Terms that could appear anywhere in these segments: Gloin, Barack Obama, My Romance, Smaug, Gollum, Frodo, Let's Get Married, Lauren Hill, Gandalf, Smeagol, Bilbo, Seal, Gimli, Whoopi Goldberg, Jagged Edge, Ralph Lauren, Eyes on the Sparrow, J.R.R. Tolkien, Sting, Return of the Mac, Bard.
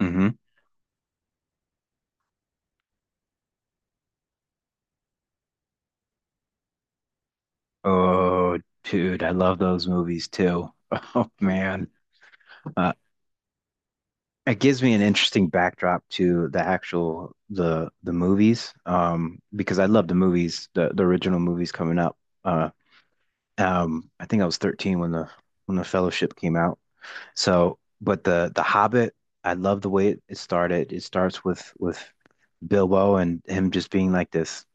Hmm. Oh, dude, I love those movies too. Oh man, uh, it gives me an interesting backdrop to the actual the movies, because I love the movies, the original movies coming up. Uh, I think I was 13 when the Fellowship came out. So, but the Hobbit, I love the way it started. It starts with Bilbo and him just being like this,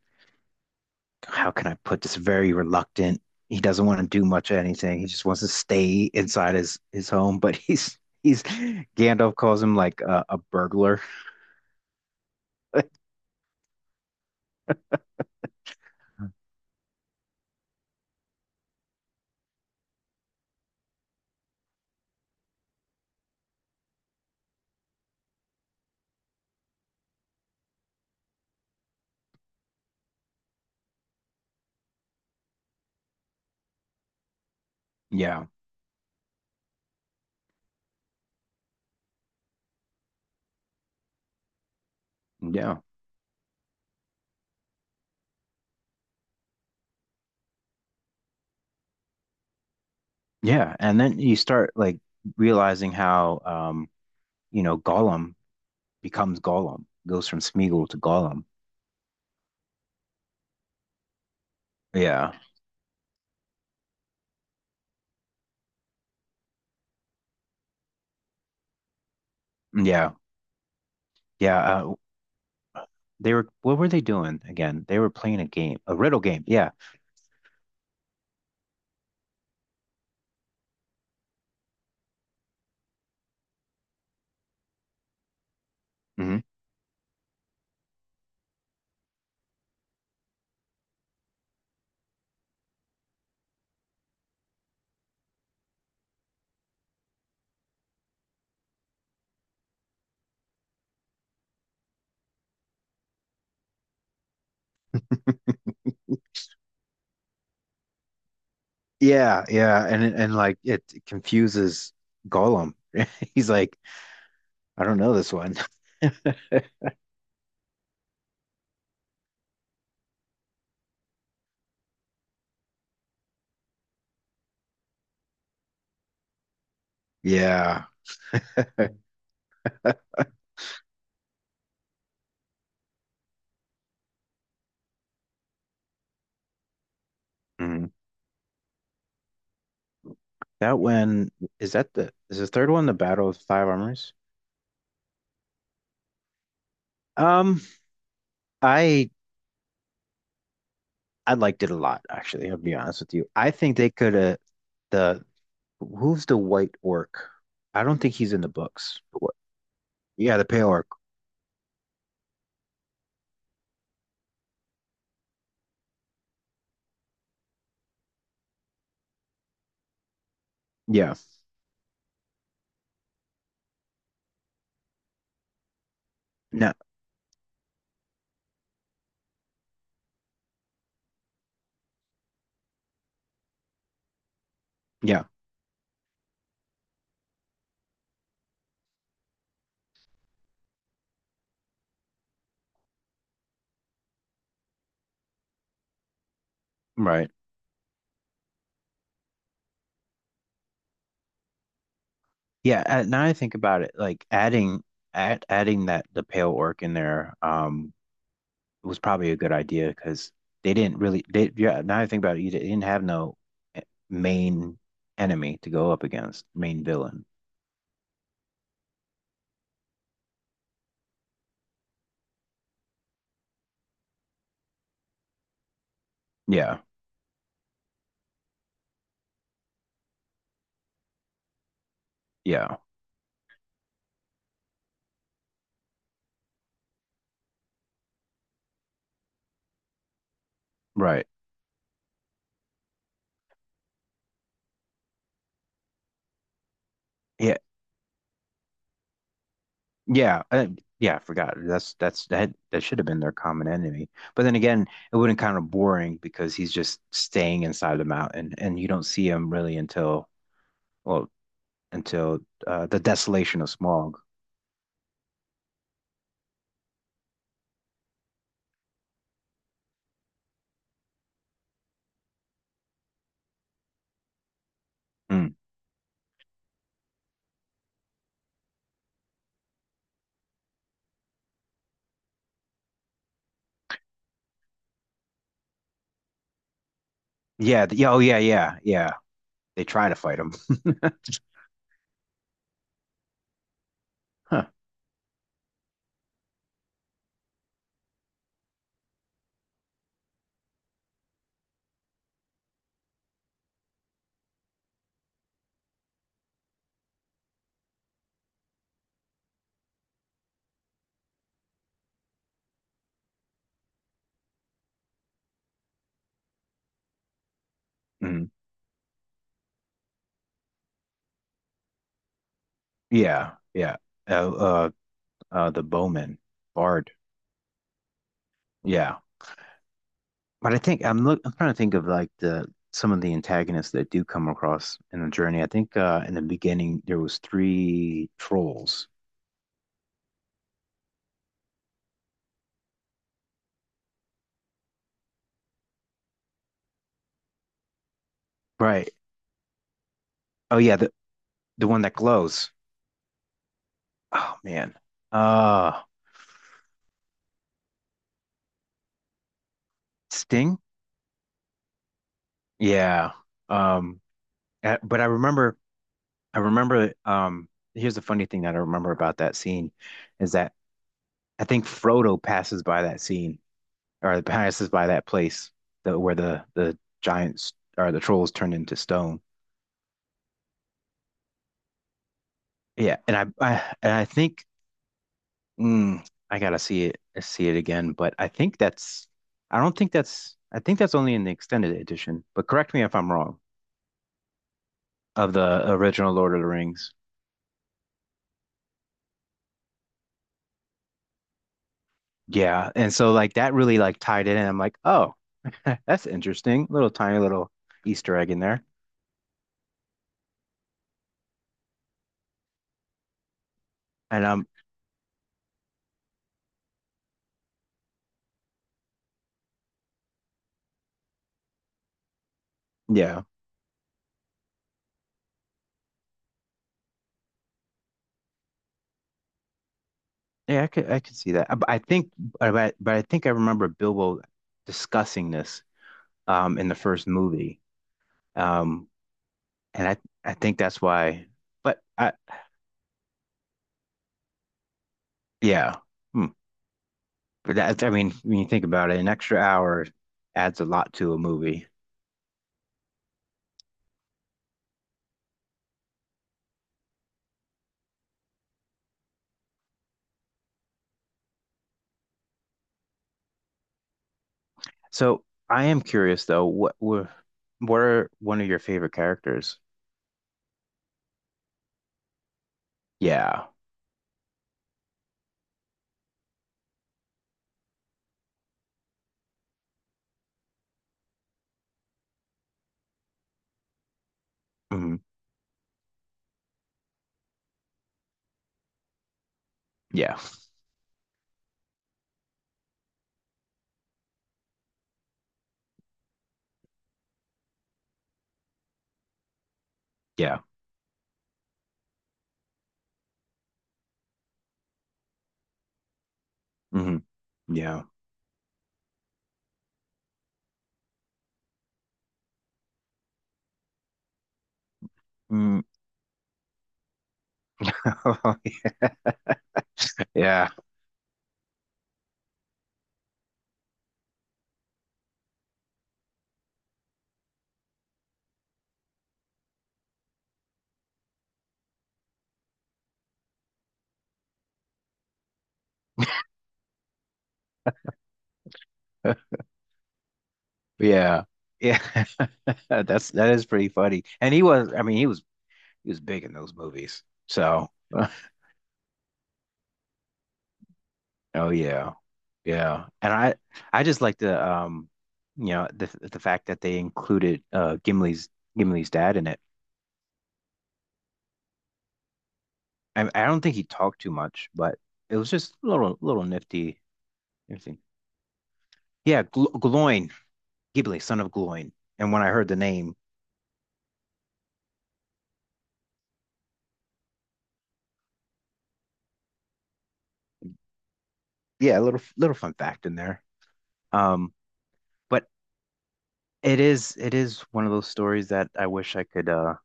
how can I put this, very reluctant. He doesn't want to do much of anything. He just wants to stay inside his home, but he's Gandalf calls him like a burglar. Yeah. Yeah. Yeah. And then you start like realizing how you know, Gollum becomes Gollum, goes from Smeagol to Gollum. Yeah. Yeah. Yeah. They were, what were they doing again? They were playing a game, a riddle game. Yeah. Hmm. Yeah, yeah, and like it confuses Gollum. He's like, I don't know this one. Yeah. Hmm. That one, is the third one, the Battle of Five Armors? Um, I I liked it a lot, actually, I'll be honest with you. I think they could have the who's the white orc? I don't think he's in the books. Yeah, the pale orc. Yeah. No, yeah. Right. Yeah, now I think about it, like adding that the pale orc in there was probably a good idea because they didn't really they yeah, now I think about it, you didn't have no eh, main enemy to go up against, main villain. Yeah, yeah, right. Yeah, yeah, uh, yeah, I forgot. That should have been their common enemy. But then again, it wouldn't kind of boring because he's just staying inside the mountain and you don't see him really until well until the desolation of Smaug. Mm. Yeah. Yeah. Oh, yeah. Yeah. Yeah. They try to fight him. Huh. Mm. Yeah. Yeah. Uh, uh, the bowman bard. Yeah. But I think I'm look. I'm trying to think of like the some of the antagonists that do come across in the journey. I think in the beginning there was three trolls. Right. Oh yeah. The one that glows. Oh man. Uh, Sting. Yeah. Um. But I remember. I remember. Here's the funny thing that I remember about that scene is that I think Frodo passes by that scene or passes by that place where the giants or the trolls turned into stone. Yeah, and I think mm, I gotta see it again, but I think that's I don't think that's I think that's only in the extended edition. But correct me if I'm wrong of the original Lord of the Rings. Yeah, and so like that really like tied it and I'm like, oh, that's interesting. Little tiny little Easter egg in there, and yeah. Yeah, I could see that. But I think I remember Bilbo discussing this in the first movie. Um and I think that's why but I yeah. Hmm. But that I mean when you think about it, an extra hour adds a lot to a movie. So I am curious though, what are one of your favorite characters? Yeah. Hmm. Yeah. Yeah. Hmm. Yeah. Mm. Yeah. Yeah. Yeah. That's that is pretty funny. And he was I mean he was big in those movies. So oh yeah. Yeah. And I just like the you know the fact that they included Gimli's Gimli's dad in it. I don't think he talked too much, but it was just a little little nifty everything. Yeah, Gl Gloin, Gimli, son of Gloin. And when I heard the name, yeah, a little little fun fact in there. Um but it is one of those stories that I wish I could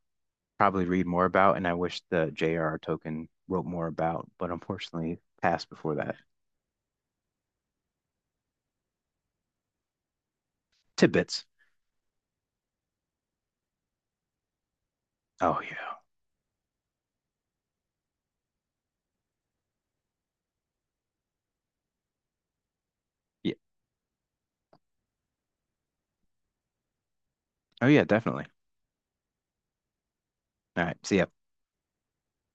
probably read more about and I wish the J.R.R. Tolkien wrote more about, but unfortunately passed before that. Tidbits. Oh yeah. Yeah. Oh yeah, definitely. All right. See ya.